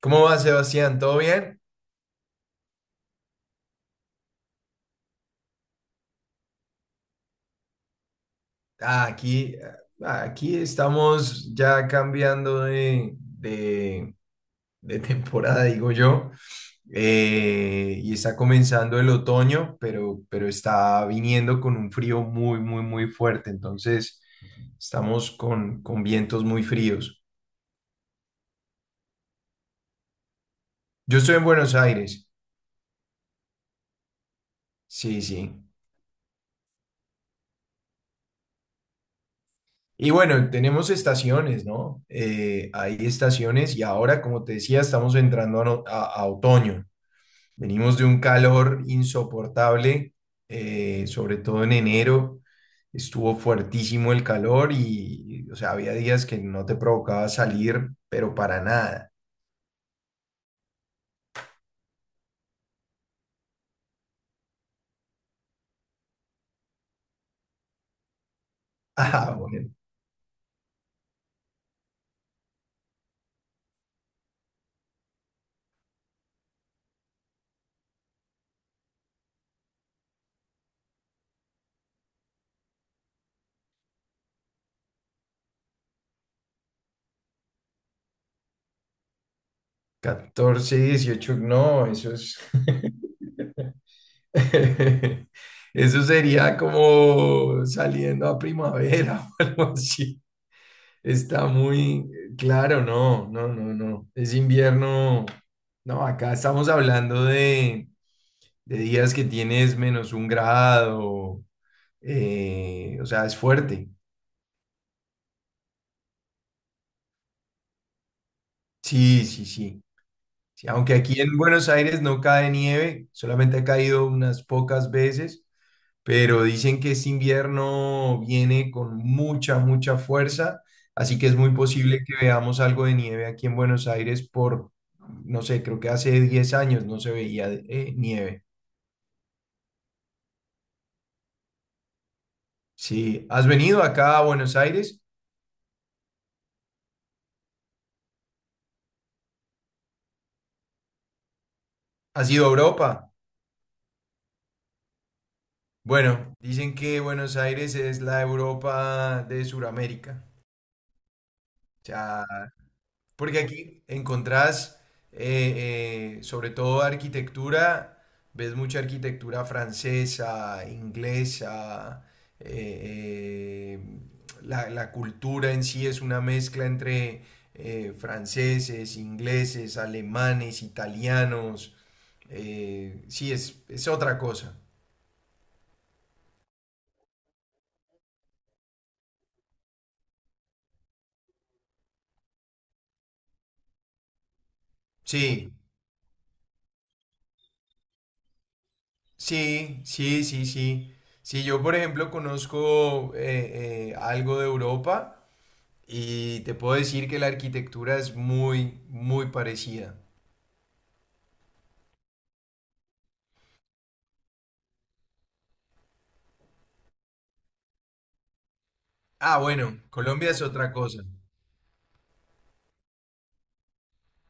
¿Cómo va, Sebastián? ¿Todo bien? Ah, aquí, ah, aquí estamos ya cambiando de temporada, digo yo. Y está comenzando el otoño, pero está viniendo con un frío muy, muy, muy fuerte, entonces estamos con vientos muy fríos. Yo estoy en Buenos Aires, sí, sí. Y bueno, tenemos estaciones, ¿no? Hay estaciones y ahora, como te decía, estamos entrando a no- a otoño. Venimos de un calor insoportable, sobre todo en enero. Estuvo fuertísimo el calor y, o sea, había días que no te provocaba salir, pero para nada. Ah, bueno, 14, 18, no, eso es eso sería como saliendo a primavera o algo así. Está muy claro, no, no, no, no. Es invierno. No, acá estamos hablando de días que tienes menos un grado, o sea, es fuerte. Sí, sí, sí, sí. Aunque aquí en Buenos Aires no cae nieve, solamente ha caído unas pocas veces, pero dicen que este invierno viene con mucha, mucha fuerza, así que es muy posible que veamos algo de nieve aquí en Buenos Aires por, no sé, creo que hace 10 años no se veía nieve. Sí, ¿has venido acá a Buenos Aires? ¿Has ido a Europa? Bueno, dicen que Buenos Aires es la Europa de Sudamérica. O sea, porque aquí encontrás, sobre todo arquitectura, ves mucha arquitectura francesa, inglesa, eh, eh, la cultura en sí es una mezcla entre franceses, ingleses, alemanes, italianos. Sí, es otra cosa. Sí. Sí, sí, sí, sí. Sí, yo por ejemplo conozco algo de Europa y te puedo decir que la arquitectura es muy, muy parecida. Ah, bueno, Colombia es otra cosa.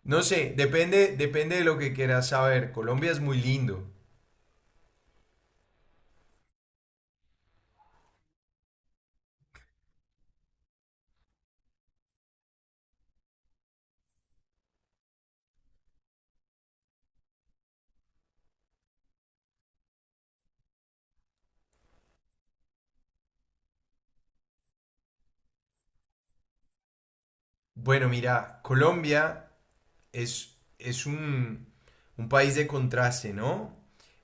No sé, depende de lo que quieras saber. Colombia es muy lindo. Bueno, mira, Colombia es un país de contraste, ¿no?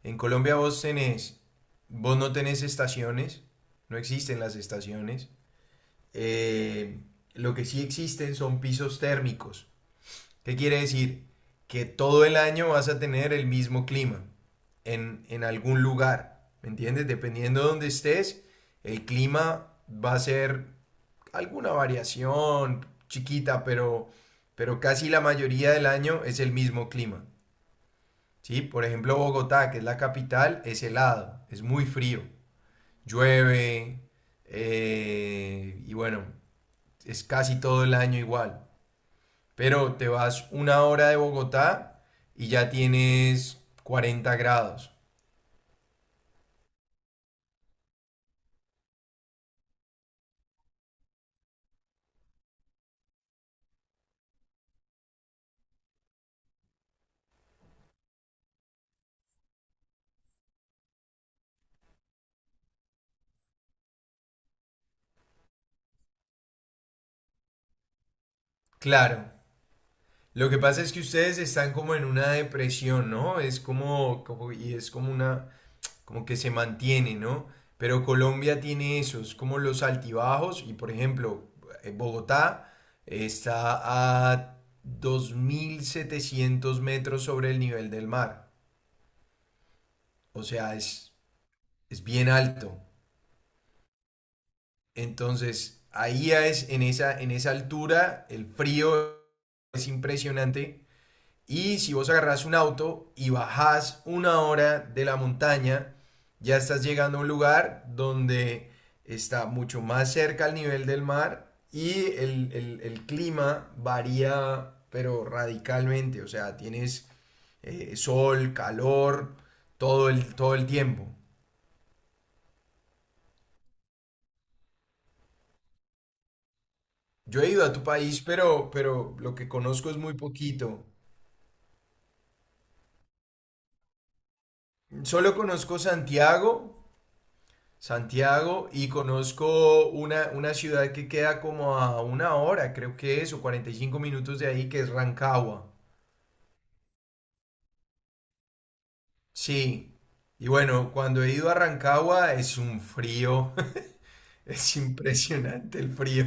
En Colombia vos no tenés estaciones, no existen las estaciones. Eh, lo que sí existen son pisos térmicos. ¿Qué quiere decir? Que todo el año vas a tener el mismo clima en algún lugar. ¿Me entiendes? Dependiendo de donde estés, el clima va a ser alguna variación chiquita, pero casi la mayoría del año es el mismo clima. ¿Sí? Por ejemplo, Bogotá, que es la capital, es helado, es muy frío, llueve, y bueno, es casi todo el año igual. Pero te vas una hora de Bogotá y ya tienes 40 grados. Claro, lo que pasa es que ustedes están como en una depresión, ¿no? Es como es como una, como que se mantiene, ¿no? Pero Colombia tiene esos, como los altibajos, y por ejemplo, Bogotá está a 2700 metros sobre el nivel del mar. O sea, es bien alto. Entonces, ahí es en esa altura, el frío es impresionante. Y si vos agarrás un auto y bajás una hora de la montaña, ya estás llegando a un lugar donde está mucho más cerca al nivel del mar y el clima varía, pero radicalmente. O sea, tienes sol, calor, todo el tiempo. Yo he ido a tu país, pero lo que conozco es muy poquito. Solo conozco Santiago, Santiago, y conozco una ciudad que queda como a una hora, creo que es, o 45 minutos de ahí, que es Rancagua. Sí. Y bueno, cuando he ido a Rancagua es un frío. Es impresionante el frío.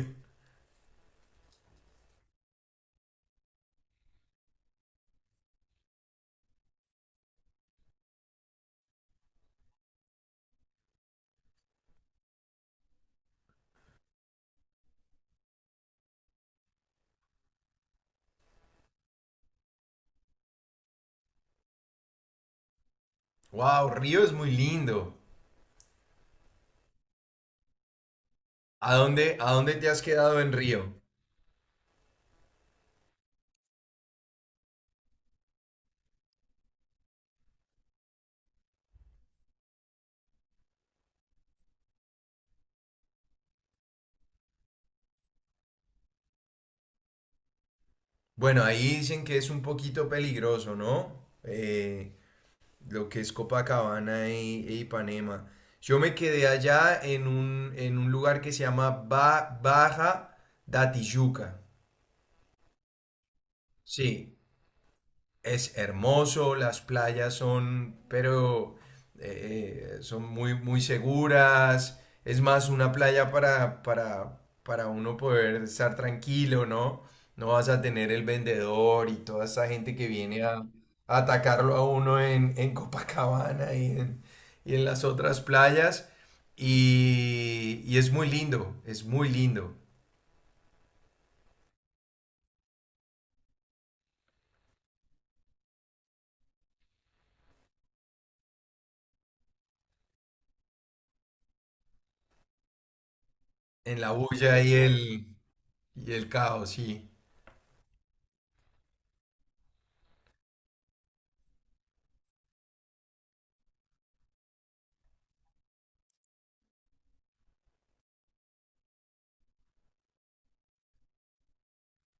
Wow, Río es muy lindo. A dónde te has quedado en Río? Bueno, ahí dicen que es un poquito peligroso, ¿no? Lo que es Copacabana e Ipanema. Yo me quedé allá en un lugar que se llama Baja Datiyuca. Sí, es hermoso, las playas son, pero son muy, muy seguras. Es más, una playa para uno poder estar tranquilo, ¿no? No vas a tener el vendedor y toda esa gente que viene a atacarlo a uno en Copacabana y en las otras playas. Y es muy lindo, es muy lindo. En la bulla y el caos, sí.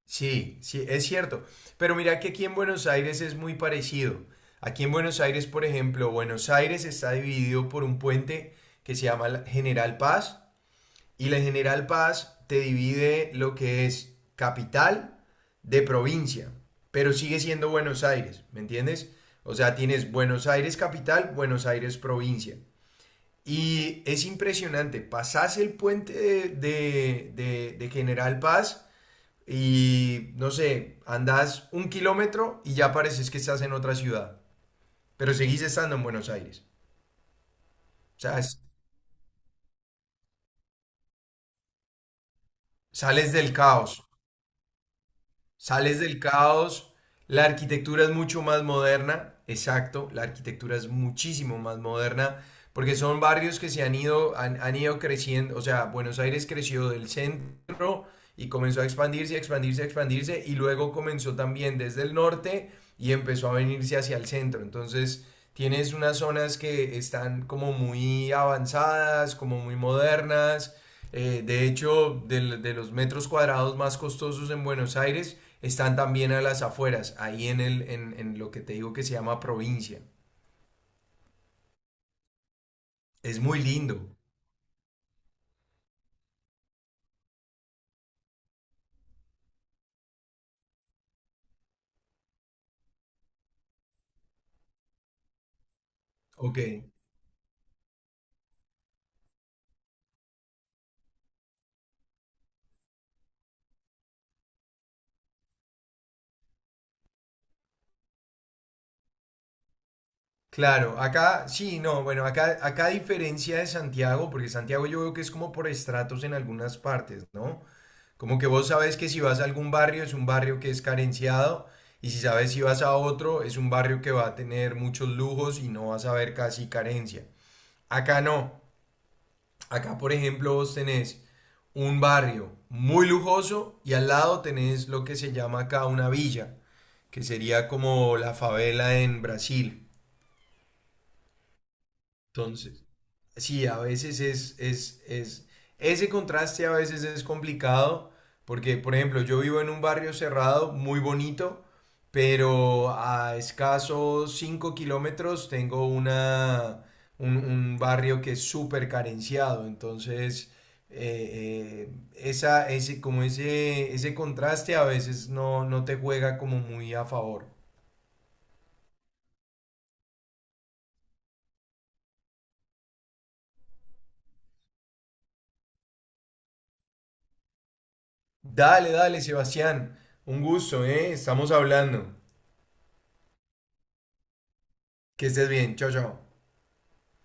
Sí, sí, es cierto. Pero mira que aquí en Buenos Aires es muy parecido. Aquí en Buenos Aires, por ejemplo, Buenos Aires está dividido por un puente que se llama la General Paz y la General Paz te divide lo que es capital de provincia, pero sigue siendo Buenos Aires, ¿me entiendes? O sea, tienes Buenos Aires capital, Buenos Aires provincia. Y es impresionante, pasás el puente de General Paz y no sé, andás un kilómetro y ya pareces que estás en otra ciudad, pero seguís estando en Buenos Aires. O sea, sales del caos, sales del caos, la arquitectura es mucho más moderna, exacto, la arquitectura es muchísimo más moderna, porque son barrios que se han ido, han ido creciendo, o sea, Buenos Aires creció del centro y comenzó a expandirse, expandirse y luego comenzó también desde el norte y empezó a venirse hacia el centro. Entonces tienes unas zonas que están como muy avanzadas, como muy modernas. De hecho, los metros cuadrados más costosos en Buenos Aires están también a las afueras, ahí en lo que te digo que se llama provincia. Es muy lindo. Ok. Claro, acá sí, no, bueno, acá a diferencia de Santiago, porque Santiago yo veo que es como por estratos en algunas partes, ¿no? Como que vos sabes que si vas a algún barrio es un barrio que es carenciado y si sabes si vas a otro es un barrio que va a tener muchos lujos y no vas a ver casi carencia. Acá no, acá por ejemplo vos tenés un barrio muy lujoso y al lado tenés lo que se llama acá una villa, que sería como la favela en Brasil. Entonces sí, a veces ese contraste a veces es complicado, porque, por ejemplo, yo vivo en un barrio cerrado, muy bonito, pero a escasos 5 kilómetros tengo un barrio que es súper carenciado, entonces esa, ese, como ese contraste a veces no, no te juega como muy a favor. Dale, dale, Sebastián, un gusto, ¿eh? Estamos hablando. Que estés bien, chao, chao.